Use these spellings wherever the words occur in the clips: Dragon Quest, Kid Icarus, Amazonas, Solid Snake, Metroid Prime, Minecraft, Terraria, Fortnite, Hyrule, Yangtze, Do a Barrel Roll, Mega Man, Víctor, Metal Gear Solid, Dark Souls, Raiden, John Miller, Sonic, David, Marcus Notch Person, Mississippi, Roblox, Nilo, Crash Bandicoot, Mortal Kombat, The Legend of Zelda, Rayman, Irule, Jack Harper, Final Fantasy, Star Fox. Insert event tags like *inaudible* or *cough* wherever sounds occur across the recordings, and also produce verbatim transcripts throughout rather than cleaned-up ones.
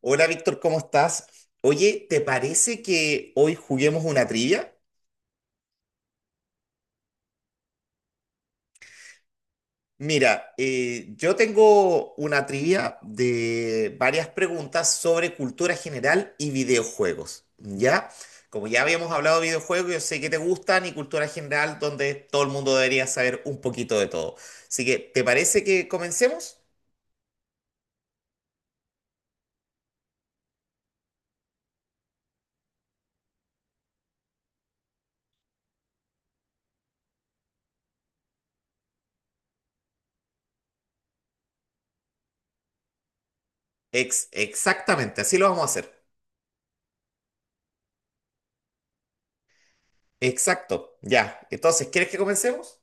Hola Víctor, ¿cómo estás? Oye, ¿te parece que hoy juguemos una trivia? Mira, eh, yo tengo una trivia de varias preguntas sobre cultura general y videojuegos, ¿ya? Como ya habíamos hablado de videojuegos, yo sé que te gustan y cultura general, donde todo el mundo debería saber un poquito de todo. Así que, ¿te parece que comencemos? Ex- exactamente, así lo vamos a hacer. Exacto, ya. Entonces, ¿quieres que comencemos?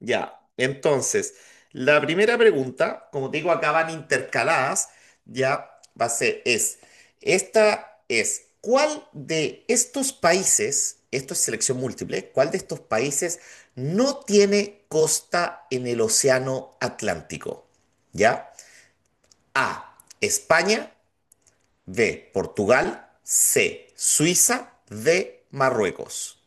Ya, entonces, la primera pregunta, como te digo, acá van intercaladas, ya va a ser, es, esta es, ¿cuál de estos países, esto es selección múltiple, cuál de estos países no tiene costa en el Océano Atlántico? ¿Ya? A, España, B, Portugal, C, Suiza, D, Marruecos.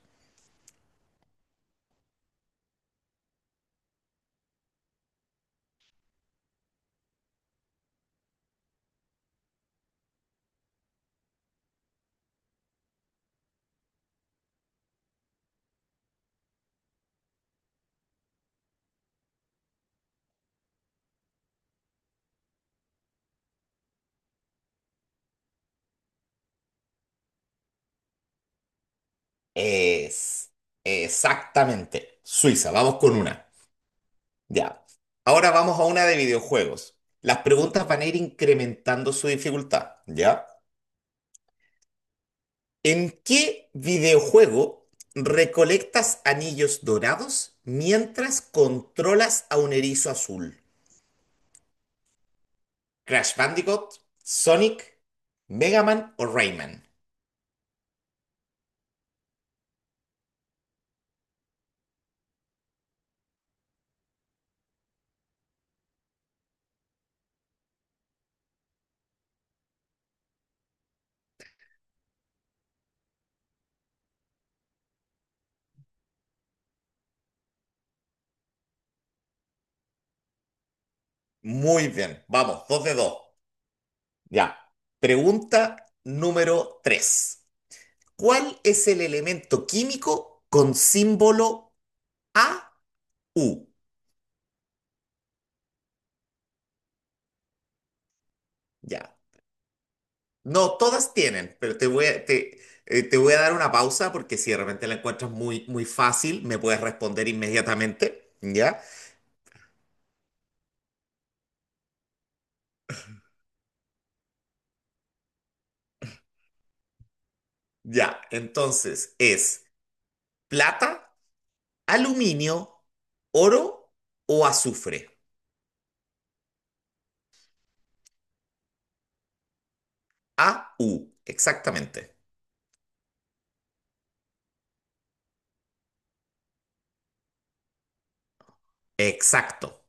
Es exactamente Suiza, vamos con una. Ya. Ahora vamos a una de videojuegos. Las preguntas van a ir incrementando su dificultad, ¿ya? ¿En qué videojuego recolectas anillos dorados mientras controlas a un erizo azul? ¿Crash Bandicoot, Sonic, Mega Man o Rayman? Muy bien, vamos, dos de dos. Ya. Pregunta número tres. ¿Cuál es el elemento químico con símbolo a u? Ya. No, todas tienen, pero te voy a, te, eh, te voy a dar una pausa porque si de repente la encuentras muy, muy fácil, me puedes responder inmediatamente, ¿ya? Ya, entonces es plata, aluminio, oro o azufre. A u exactamente. Exacto.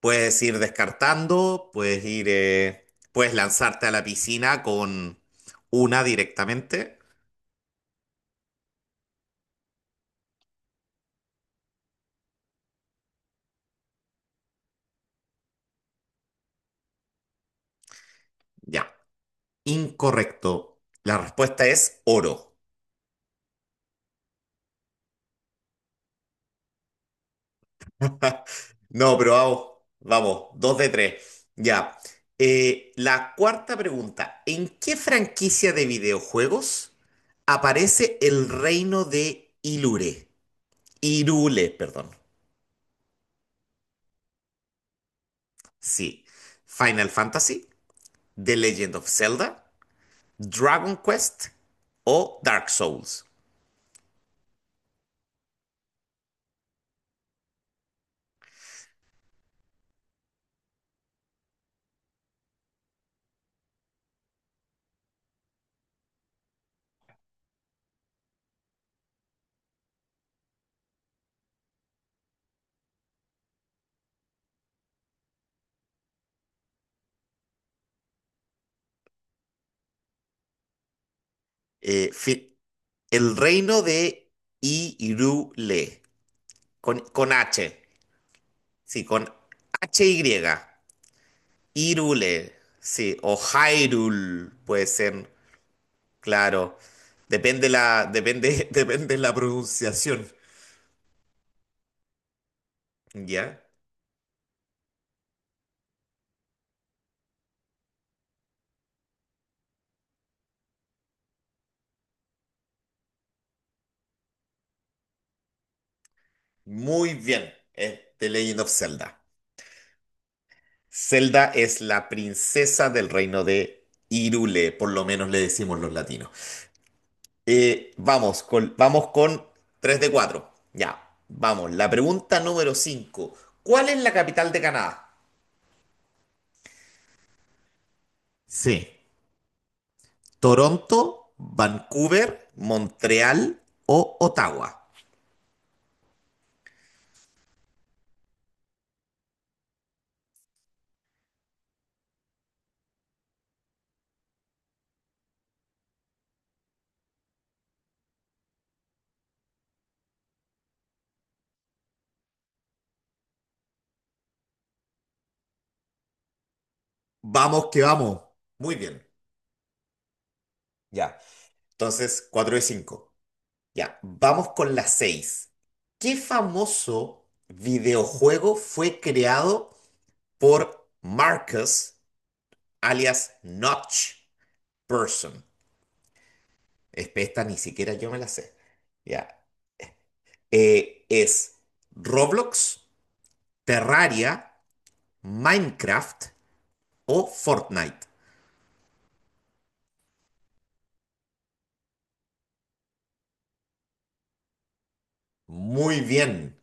Puedes ir descartando, puedes ir, eh, puedes lanzarte a la piscina con una directamente. Ya, incorrecto. La respuesta es oro. *laughs* No, pero vamos, vamos, dos de tres. Ya. Eh, la cuarta pregunta. ¿En qué franquicia de videojuegos aparece el reino de Ilure? Irule, perdón. Sí. Final Fantasy, The Legend of Zelda, Dragon Quest o Dark Souls. Eh, fi- el reino de Irule, con, con H. Sí, con H y. Hyrule, sí, o Hyrule puede ser, claro. Depende la, depende, *laughs* depende la pronunciación, ¿ya? Muy bien, es The Legend of Zelda. Zelda es la princesa del reino de Hyrule, por lo menos le decimos los latinos. Eh, vamos con, vamos con tres de cuatro, ya, vamos. La pregunta número cinco, ¿cuál es la capital de Canadá? Sí. Toronto, Vancouver, Montreal o Ottawa. Vamos que vamos. Muy bien. Ya. Entonces, cuatro de cinco. Ya. Vamos con la seis. ¿Qué famoso videojuego fue creado por Marcus, alias Notch Person? Espe- Esta ni siquiera yo me la sé. Ya. Eh, es Roblox, Terraria, Minecraft o Fortnite. Muy bien.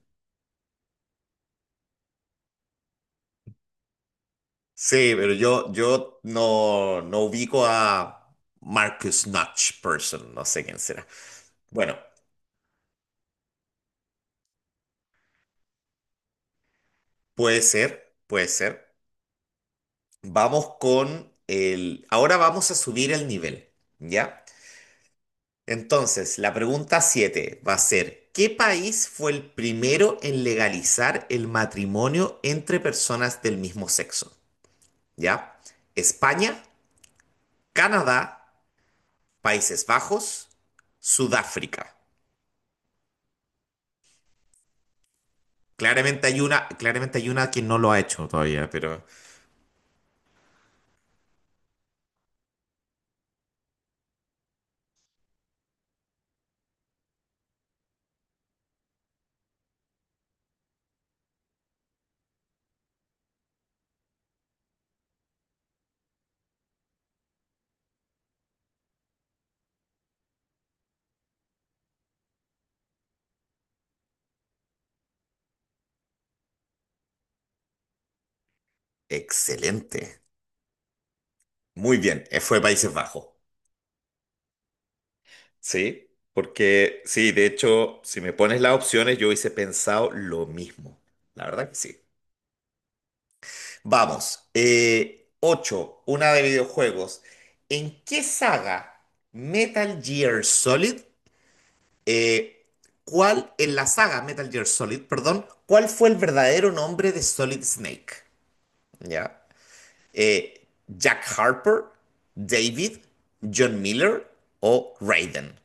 Sí, pero yo, yo no, no ubico a Marcus Notch Person, no sé quién será. Bueno, puede ser, puede ser. Vamos con el... Ahora vamos a subir el nivel, ¿ya? Entonces, la pregunta siete va a ser, ¿qué país fue el primero en legalizar el matrimonio entre personas del mismo sexo? ¿Ya? España, Canadá, Países Bajos, Sudáfrica. Claramente hay una, claramente hay una que no lo ha hecho todavía, pero excelente. Muy bien, eh, fue Países Bajos. Sí, porque sí, de hecho, si me pones las opciones, yo hubiese pensado lo mismo. La verdad que sí. Vamos, eh, ocho, una de videojuegos. ¿En qué saga Metal Gear Solid, eh, cuál, en la saga Metal Gear Solid, perdón, ¿cuál fue el verdadero nombre de Solid Snake? ¿Ya? eh, Jack Harper, David, John Miller o Raiden.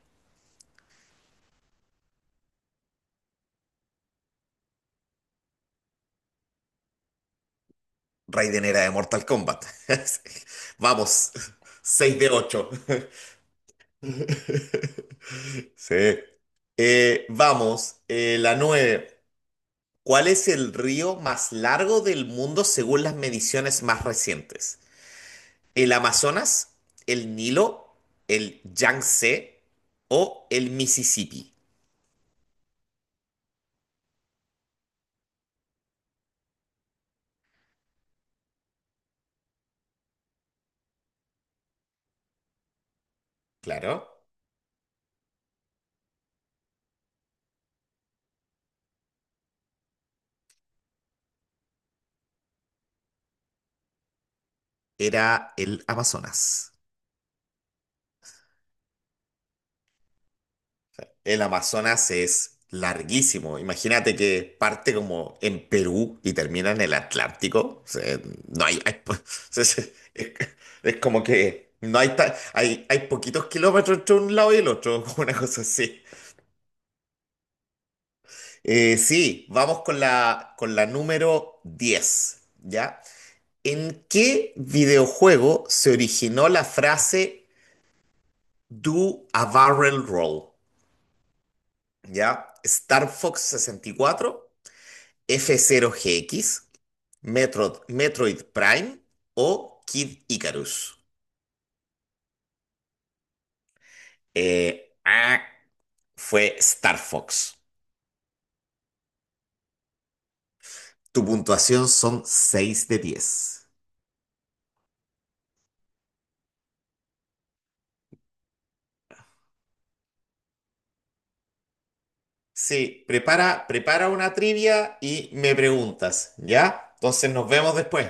Raiden era de Mortal Kombat. *laughs* Vamos, seis de ocho. *laughs* Sí. Eh, vamos, eh, la nueve. ¿Cuál es el río más largo del mundo según las mediciones más recientes? ¿El Amazonas, el Nilo, el Yangtze o el Mississippi? Claro, era el Amazonas. El Amazonas es larguísimo. Imagínate que parte como en Perú y termina en el Atlántico. O sea, no hay, hay po- *laughs* es, es- es como que no hay, ta- hay, hay poquitos kilómetros entre un lado y el otro, *laughs* una cosa así. Eh, sí, vamos con la, con la número diez. ¿Ya? ¿En qué videojuego se originó la frase Do a Barrel Roll? ¿Ya? Star Fox sesenta y cuatro. F cero G X, Metro- Metroid Metroid Prime o Kid Icarus. Eh, ah, fue Star Fox. Tu puntuación son seis de diez. Sí, prepara, prepara una trivia y me preguntas, ¿ya? Entonces nos vemos después.